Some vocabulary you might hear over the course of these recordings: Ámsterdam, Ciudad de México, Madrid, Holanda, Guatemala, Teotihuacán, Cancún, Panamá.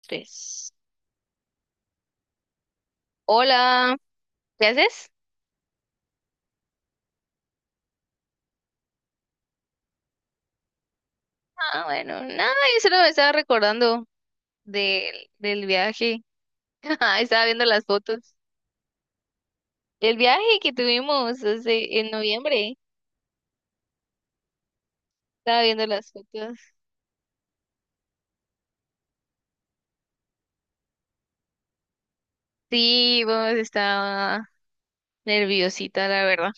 Tres. Hola, ¿qué haces? Ah, bueno, nada, yo solo me estaba recordando del, del viaje. Ajá, estaba viendo las fotos. El viaje que tuvimos hace, en noviembre. Estaba viendo las fotos. Sí, pues estaba nerviosita, la verdad.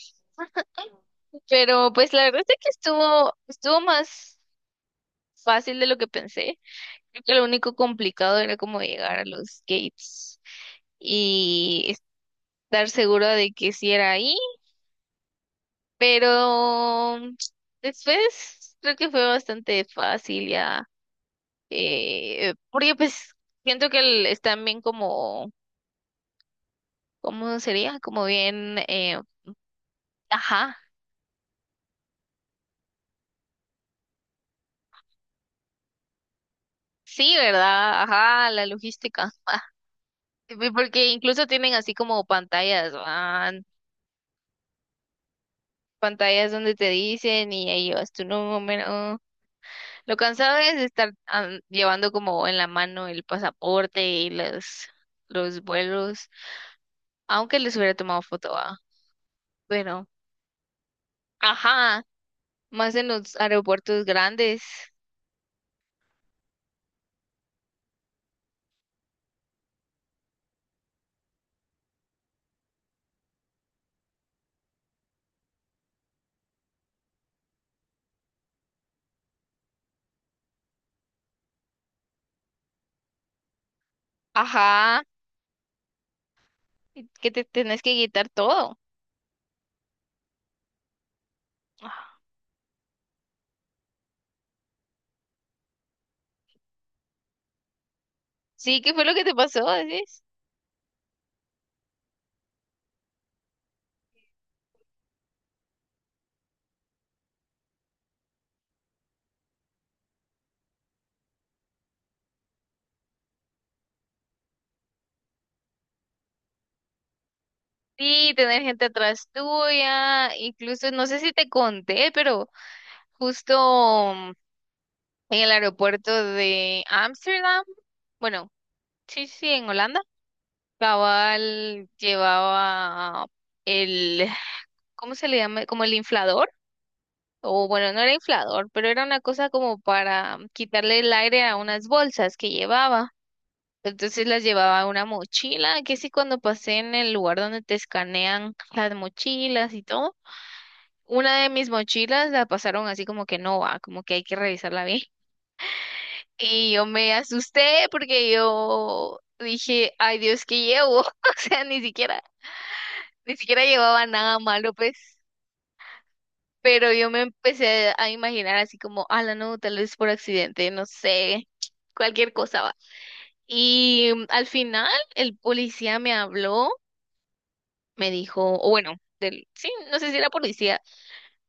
Pero pues la verdad es que estuvo más fácil de lo que pensé. Creo que lo único complicado era como llegar a los gates y estar segura de que si era ahí. Pero después creo que fue bastante fácil ya. Porque pues siento que están bien como, ¿cómo sería? Como bien, ajá, sí, ¿verdad? Ajá, la logística. Ah, y porque incluso tienen así como pantallas donde te dicen y ahí vas tu número. Lo cansado es estar llevando como en la mano el pasaporte y los vuelos, aunque les hubiera tomado foto, ¿va? Bueno, ajá, más en los aeropuertos grandes. Ajá, que te tenés que quitar todo. Ah, sí, ¿qué fue lo que te pasó, decís? Sí, tener gente atrás tuya, incluso no sé si te conté, pero justo mm, en el aeropuerto de Ámsterdam, bueno, sí, sí, en Holanda, cabal llevaba el, ¿cómo se le llama? Como el inflador. O bueno, no era inflador, pero era una cosa como para quitarle el aire a unas bolsas que llevaba. Entonces las llevaba a una mochila, que sí cuando pasé en el lugar donde te escanean las mochilas y todo, una de mis mochilas la pasaron así como que no va, como que hay que revisarla bien. Y yo me asusté porque yo dije, ay Dios, ¿qué llevo? O sea, ni siquiera llevaba nada malo, pues. Pero yo me empecé a imaginar así como, la no, tal vez por accidente, no sé, cualquier cosa va. Y al final el policía me habló, me dijo, o bueno, del, sí, no sé si era policía,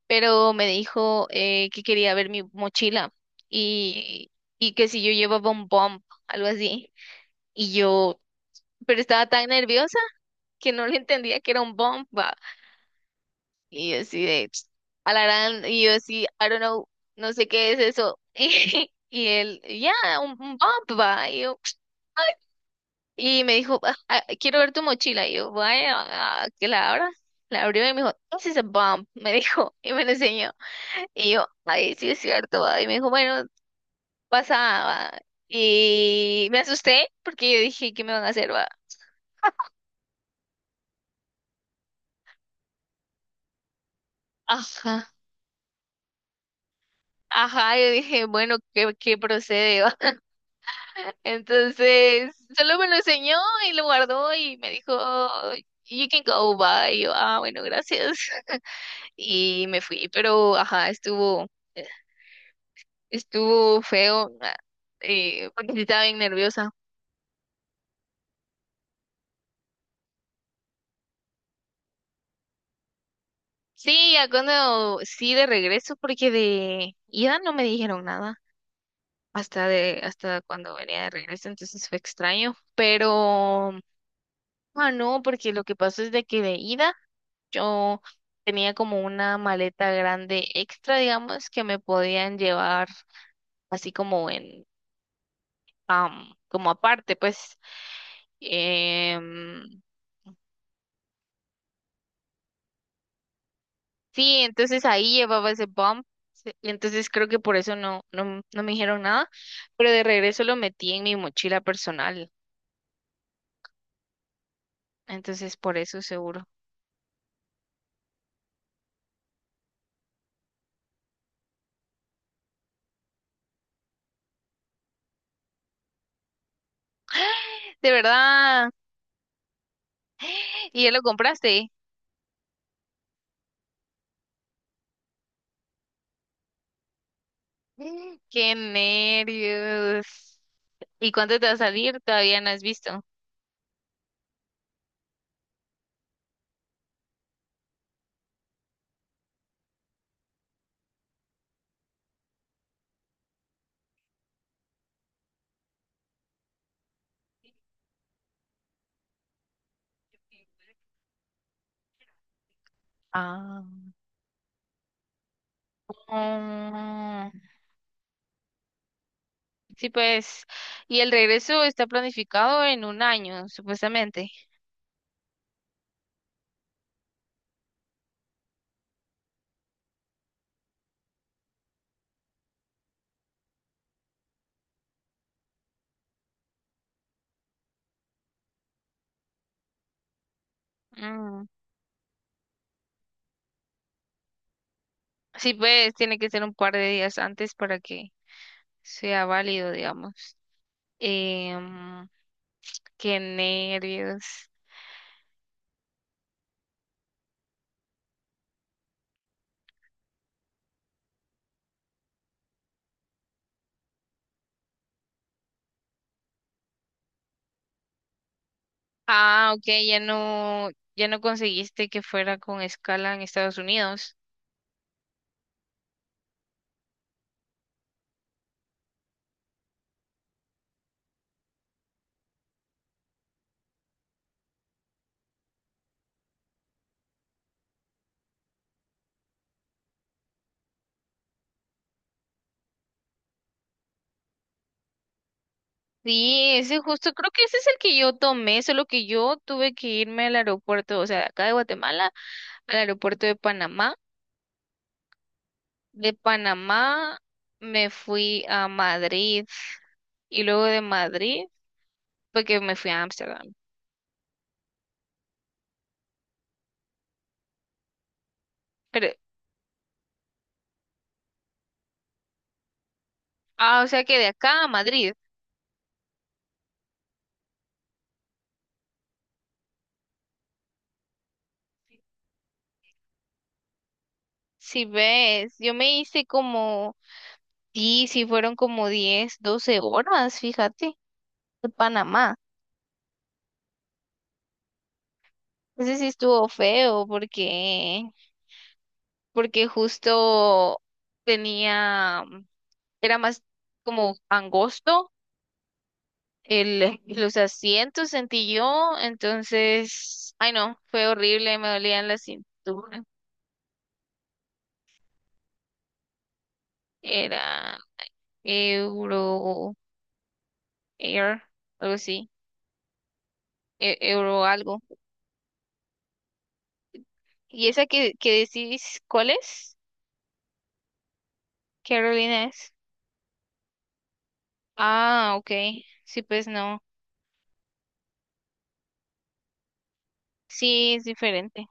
pero me dijo que quería ver mi mochila y, y que si yo llevaba un bump, algo así. Y yo, pero estaba tan nerviosa que no le entendía que era un bump. Y yo así de, a la gran, y yo así, I don't know, no sé qué es eso. Y él, ya, un bump, va. Y, yo, y me dijo, "Ah, ah, quiero ver tu mochila. Y yo, vaya, ah, que la abra. La abrió y me dijo, this is a bump, me dijo, y me lo enseñó. Y yo, ay, sí es cierto, va. Y me dijo, bueno, pasa, va". Y me asusté porque yo dije, ¿qué me van a hacer, va? Ajá, ajá, yo dije, bueno, ¿qué procede. Entonces, solo me lo enseñó y lo guardó y me dijo, you can go, bye. Y yo, ah, bueno, gracias. Y me fui, pero ajá, estuvo feo, porque sí estaba bien nerviosa. Sí, ya cuando, sí, de regreso, porque de ida no me dijeron nada. Hasta cuando venía de regreso, entonces fue extraño. Pero, ah, no, porque lo que pasó es de que de ida. Yo tenía como una maleta grande extra, digamos, que me podían llevar así como en, como aparte, pues. Em, sí, entonces ahí llevaba ese bump. Y entonces creo que por eso no, no, no me dijeron nada, pero de regreso lo metí en mi mochila personal. Entonces por eso seguro. De verdad. ¿Y ya lo compraste? Mm. Qué nervios. ¿Y cuánto te va a salir? Todavía no has visto. Ah. Ah, sí, pues, y el regreso está planificado en un año, supuestamente. Mm, sí, pues, tiene que ser un par de días antes para que sea válido, digamos. Em, Qué nervios. Ah, ok, ya no, ya no conseguiste que fuera con escala en Estados Unidos. Sí, ese justo, creo que ese es el que yo tomé, solo que yo tuve que irme al aeropuerto, o sea, de acá de Guatemala, al aeropuerto de Panamá. De Panamá me fui a Madrid y luego de Madrid, porque me fui a Ámsterdam. Pero, ah, o sea que de acá a Madrid, si ves, yo me hice como, sí, sí fueron como 10 12 horas, fíjate, de Panamá. Ese sí estuvo feo porque, porque justo tenía, era más como angosto el, los asientos sentí yo, entonces, ay no, fue horrible, me dolían la cintura. Era Euro Air, algo así, Euro algo. ¿Y esa que decís cuál es? ¿Qué aerolínea es? Ah, ok, sí, pues no, sí, es diferente.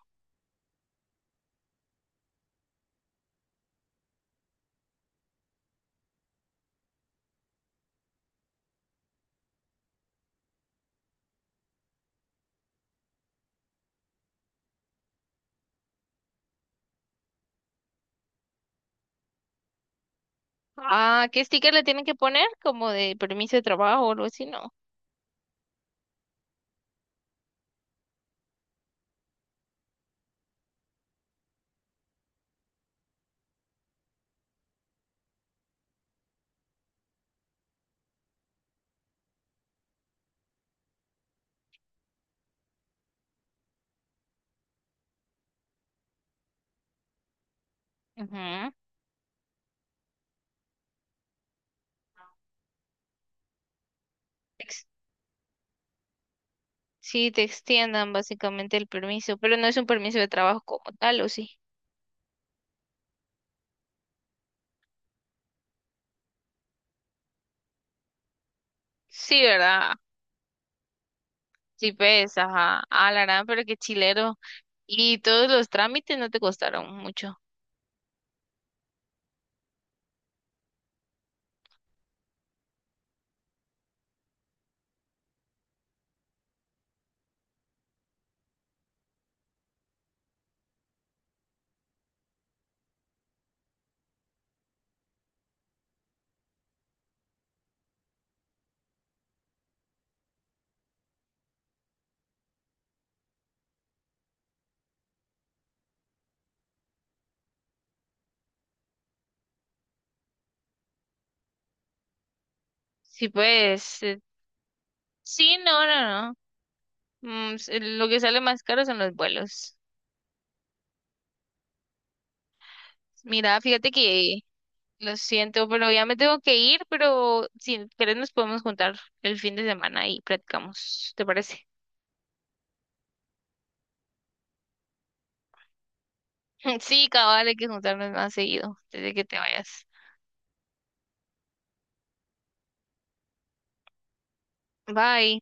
Ah, ¿qué sticker le tienen que poner? Como de permiso de trabajo o algo así, ¿no? Ujú. Ex- Sí, te extiendan básicamente el permiso, pero no es un permiso de trabajo como tal, ¿o sí? Sí, ¿verdad? Sí, ves, ajá, a la gran, pero qué chilero. Y todos los trámites no te costaron mucho. Sí, pues, sí, no, no, no. Mm, lo que sale más caro son los vuelos. Mira, fíjate que lo siento, pero ya me tengo que ir, pero si querés nos podemos juntar el fin de semana y platicamos, ¿te parece? Sí, cabal, hay que juntarnos más seguido, desde que te vayas. Bye.